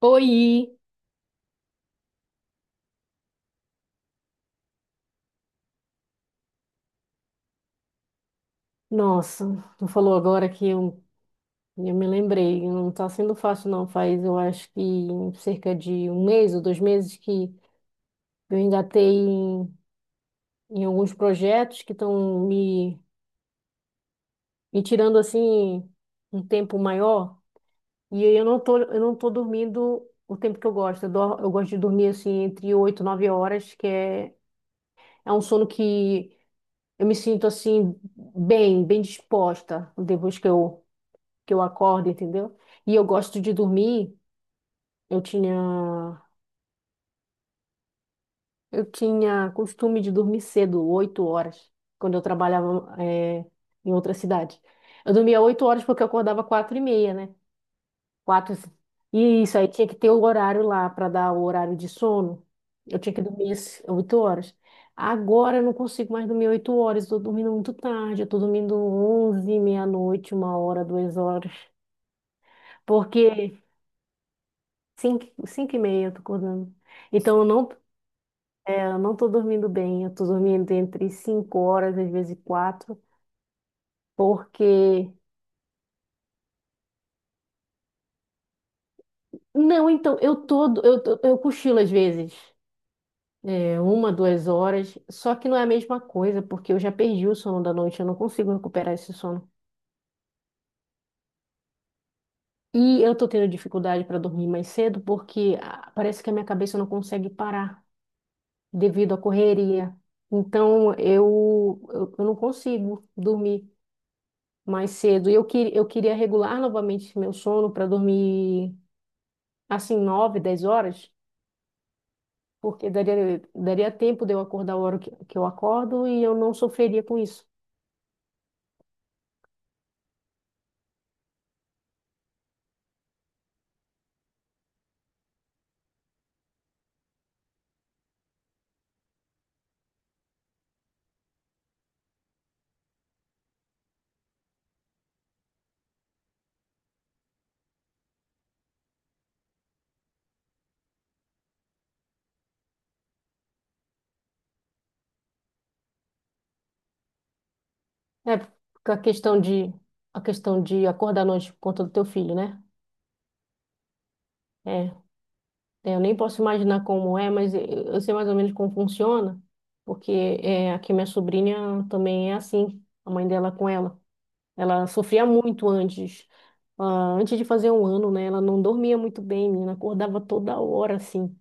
Oi! Nossa, tu falou agora que eu me lembrei, não tá sendo fácil não, faz eu acho que cerca de um mês ou dois meses que eu engatei em alguns projetos que estão me tirando assim um tempo maior e eu não tô dormindo o tempo que eu gosto, eu gosto de dormir assim entre 8 e 9 horas, que é um sono que eu me sinto assim bem, bem disposta depois que eu acordo, entendeu? E eu gosto de dormir. Eu tinha, eu tinha costume de dormir cedo, 8 horas, quando eu trabalhava, em outra cidade. Eu dormia 8 horas porque eu acordava 4h30, né? Quatro. E isso aí tinha que ter o horário lá para dar o horário de sono. Eu tinha que dormir as 8 horas. Agora eu não consigo mais dormir 8 horas. Estou dormindo muito tarde. Eu estou dormindo 23h, meia-noite, 1h, 2h. Porque 5h, 5h30 eu tô acordando. Então eu não, é, eu não tô dormindo bem, eu tô dormindo entre 5 horas, às vezes quatro, porque. Não, então, eu cochilo às vezes, é, 1, 2 horas, só que não é a mesma coisa, porque eu já perdi o sono da noite, eu não consigo recuperar esse sono. E eu tô tendo dificuldade para dormir mais cedo, porque parece que a minha cabeça não consegue parar devido à correria. Então, eu não consigo dormir mais cedo. E eu queria regular novamente meu sono para dormir assim, 9, 10 horas, porque daria tempo de eu acordar a hora que eu acordo e eu não sofreria com isso. É, porque a questão de acordar à noite por conta do teu filho, né? É, eu nem posso imaginar como é, mas eu sei mais ou menos como funciona, porque é, aqui minha sobrinha também é assim, a mãe dela com ela. Ela sofria muito antes, antes de fazer um ano, né? Ela não dormia muito bem, menina, acordava toda hora, assim.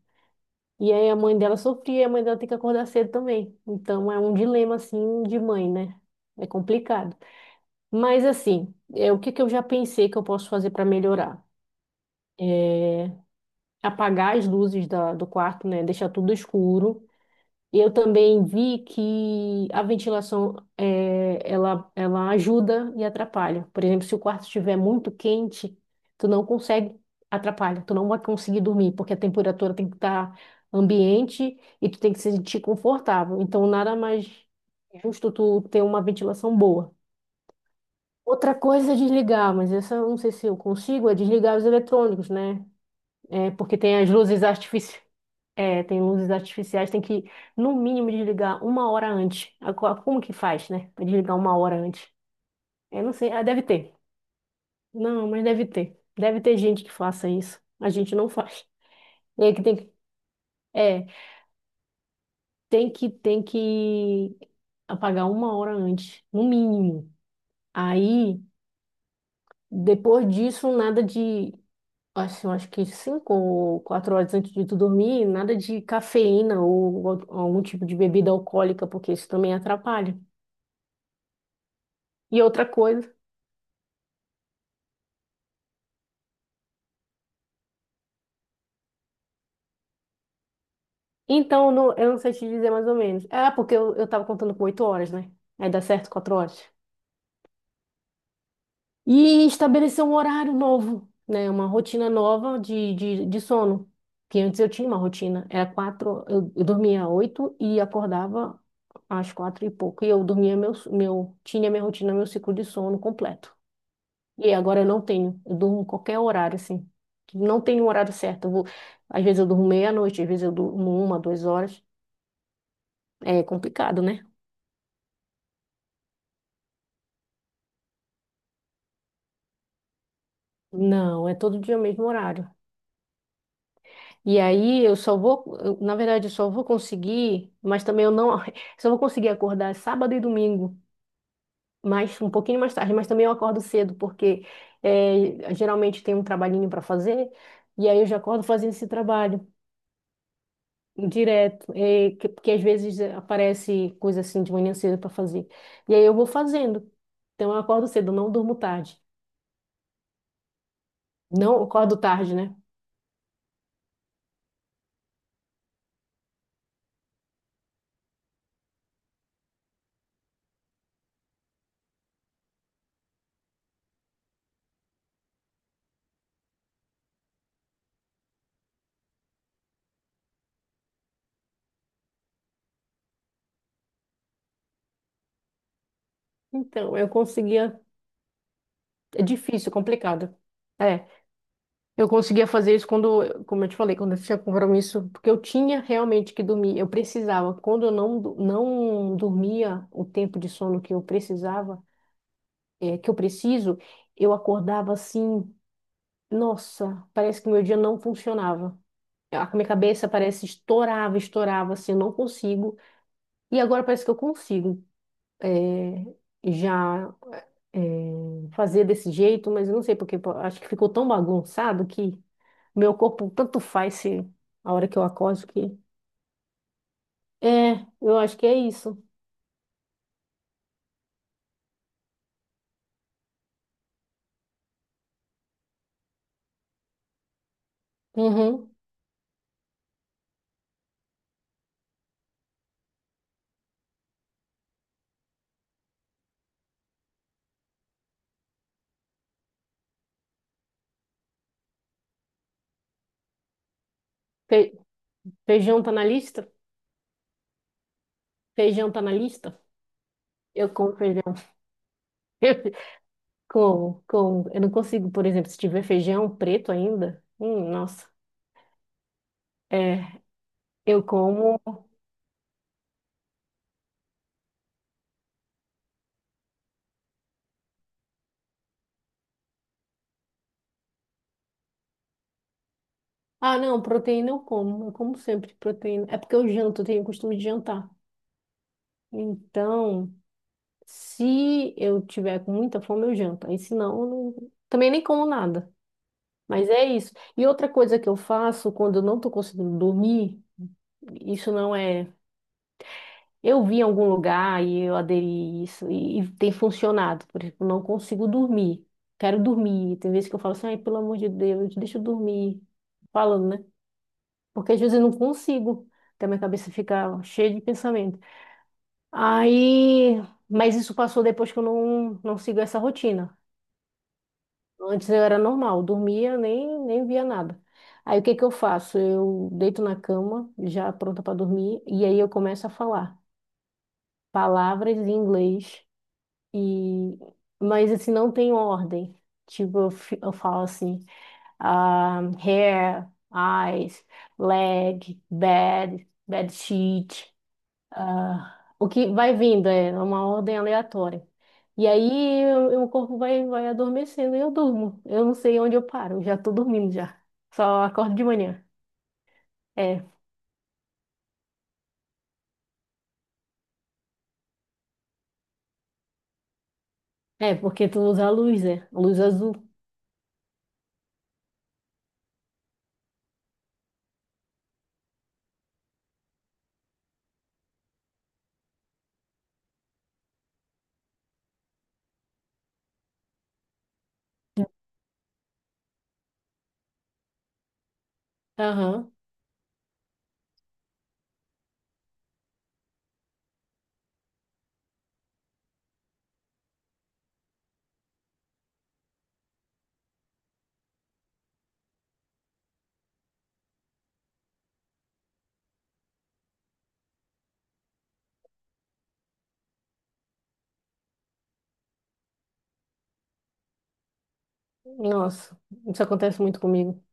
E aí a mãe dela sofria, e a mãe dela tem que acordar cedo também. Então é um dilema, assim, de mãe, né? É complicado. Mas, assim, é, o que que eu já pensei que eu posso fazer para melhorar? Apagar as luzes da, do quarto, né? Deixar tudo escuro. E eu também vi que a ventilação ela ajuda e atrapalha. Por exemplo, se o quarto estiver muito quente, tu não consegue, atrapalha, tu não vai conseguir dormir, porque a temperatura tem que estar ambiente e tu tem que se sentir confortável. Então, nada mais justo tu ter uma ventilação boa. Outra coisa é desligar, mas essa eu não sei se eu consigo, é desligar os eletrônicos, né? É, porque tem as luzes artificiais. É, tem luzes artificiais, tem que, no mínimo, desligar 1 hora antes. Como que faz, né? Pra desligar 1 hora antes. Eu não sei, deve ter. Não, mas deve ter. Deve ter gente que faça isso. A gente não faz. E aí que tem que, é, tem que apagar 1 hora antes, no mínimo. Aí, depois disso, nada de, assim, eu acho que 5 ou 4 horas antes de tu dormir, nada de cafeína ou algum tipo de bebida alcoólica, porque isso também atrapalha. E outra coisa. Então, eu não sei te dizer mais ou menos. Ah, porque eu tava contando com 8 horas, né? Aí dá certo 4 horas. E estabelecer um horário novo, né? Uma rotina nova de sono. Que antes eu tinha uma rotina. Era 4, eu dormia oito e acordava às 4 e pouco. E eu dormia tinha minha rotina, meu ciclo de sono completo. E agora eu não tenho. Eu durmo qualquer horário, assim. Não tenho um horário certo. Às vezes eu durmo meia-noite, às vezes eu durmo 1, 2 horas. É complicado, né? Não, é todo dia o mesmo horário. E aí eu só vou, eu, na verdade, eu só vou conseguir, mas também eu não, só vou conseguir acordar sábado e domingo, mas um pouquinho mais tarde, mas também eu acordo cedo, porque é, geralmente tem um trabalhinho para fazer, e aí eu já acordo fazendo esse trabalho direto, é, que, porque às vezes aparece coisa assim de manhã cedo para fazer. E aí eu vou fazendo. Então eu acordo cedo, não durmo tarde. Não acordo tarde, né? Então, eu consegui. É difícil, complicado. É, eu conseguia fazer isso quando, como eu te falei, quando eu tinha compromisso, porque eu tinha realmente que dormir, eu precisava. Quando eu não dormia o tempo de sono que eu precisava, é, que eu preciso, eu acordava assim, nossa, parece que meu dia não funcionava. A minha cabeça parece estourava, estourava, assim, eu não consigo. E agora parece que eu consigo. É, já fazer desse jeito, mas eu não sei porque pô, acho que ficou tão bagunçado que meu corpo tanto faz se a hora que eu acordo que é, eu acho que é isso. Uhum. Fe- Feijão tá na lista? Feijão tá na lista? Eu como feijão. Eu não consigo, por exemplo, se tiver feijão preto ainda, nossa. É, eu como. Ah, não, proteína eu como. Eu como sempre proteína. É porque eu janto, eu tenho o costume de jantar. Então, se eu tiver com muita fome, eu janto. Aí, se não, eu não- também nem como nada. Mas é isso. E outra coisa que eu faço quando eu não estou conseguindo dormir, isso não é. Eu vi em algum lugar e eu aderi isso e, tem funcionado. Por exemplo, não consigo dormir. Quero dormir. Tem vezes que eu falo assim, ai, pelo amor de Deus, deixa eu dormir. Falando, né? Porque às vezes eu não consigo. Até minha cabeça fica cheia de pensamento. Aí. Mas isso passou depois que eu não sigo essa rotina. Antes eu era normal, dormia, nem via nada. Aí o que que eu faço? Eu deito na cama, já pronta para dormir, e aí eu começo a falar palavras em inglês, e mas assim, não tem ordem. Tipo, eu falo assim, ah, hair, eyes, leg, bed, bed sheet. Ah, o que vai vindo é uma ordem aleatória. E aí o corpo vai, vai adormecendo e eu durmo. Eu não sei onde eu paro, eu já tô dormindo já. Só acordo de manhã. É, é porque tu usa a luz, né? Luz azul. Aham. Nossa, isso acontece muito comigo.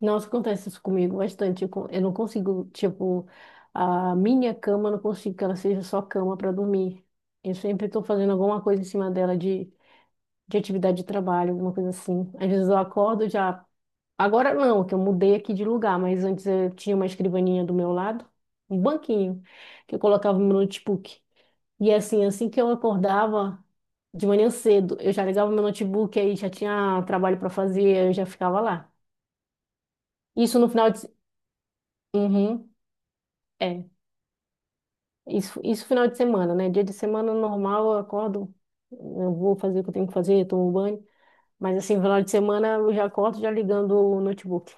Nossa, acontece isso comigo bastante. Eu não consigo, tipo, a minha cama, eu não consigo que ela seja só cama para dormir. Eu sempre tô fazendo alguma coisa em cima dela de atividade de trabalho, alguma coisa assim. Às vezes eu acordo já. Agora não, que eu mudei aqui de lugar, mas antes eu tinha uma escrivaninha do meu lado, um banquinho, que eu colocava meu notebook. E assim, assim que eu acordava de manhã cedo, eu já ligava meu notebook, aí já tinha trabalho para fazer, eu já ficava lá. Isso no final de. Uhum, é. Isso, final de semana, né? Dia de semana normal, eu acordo, eu vou fazer o que eu tenho que fazer, tomo banho. Mas assim, final de semana eu já acordo já ligando o notebook.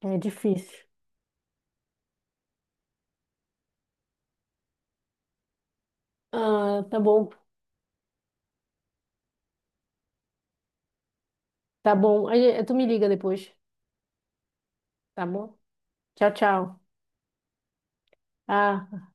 É difícil. Ah, tá bom. Tá bom. Aí, tu me liga depois, tá bom? Tchau, tchau. Ah.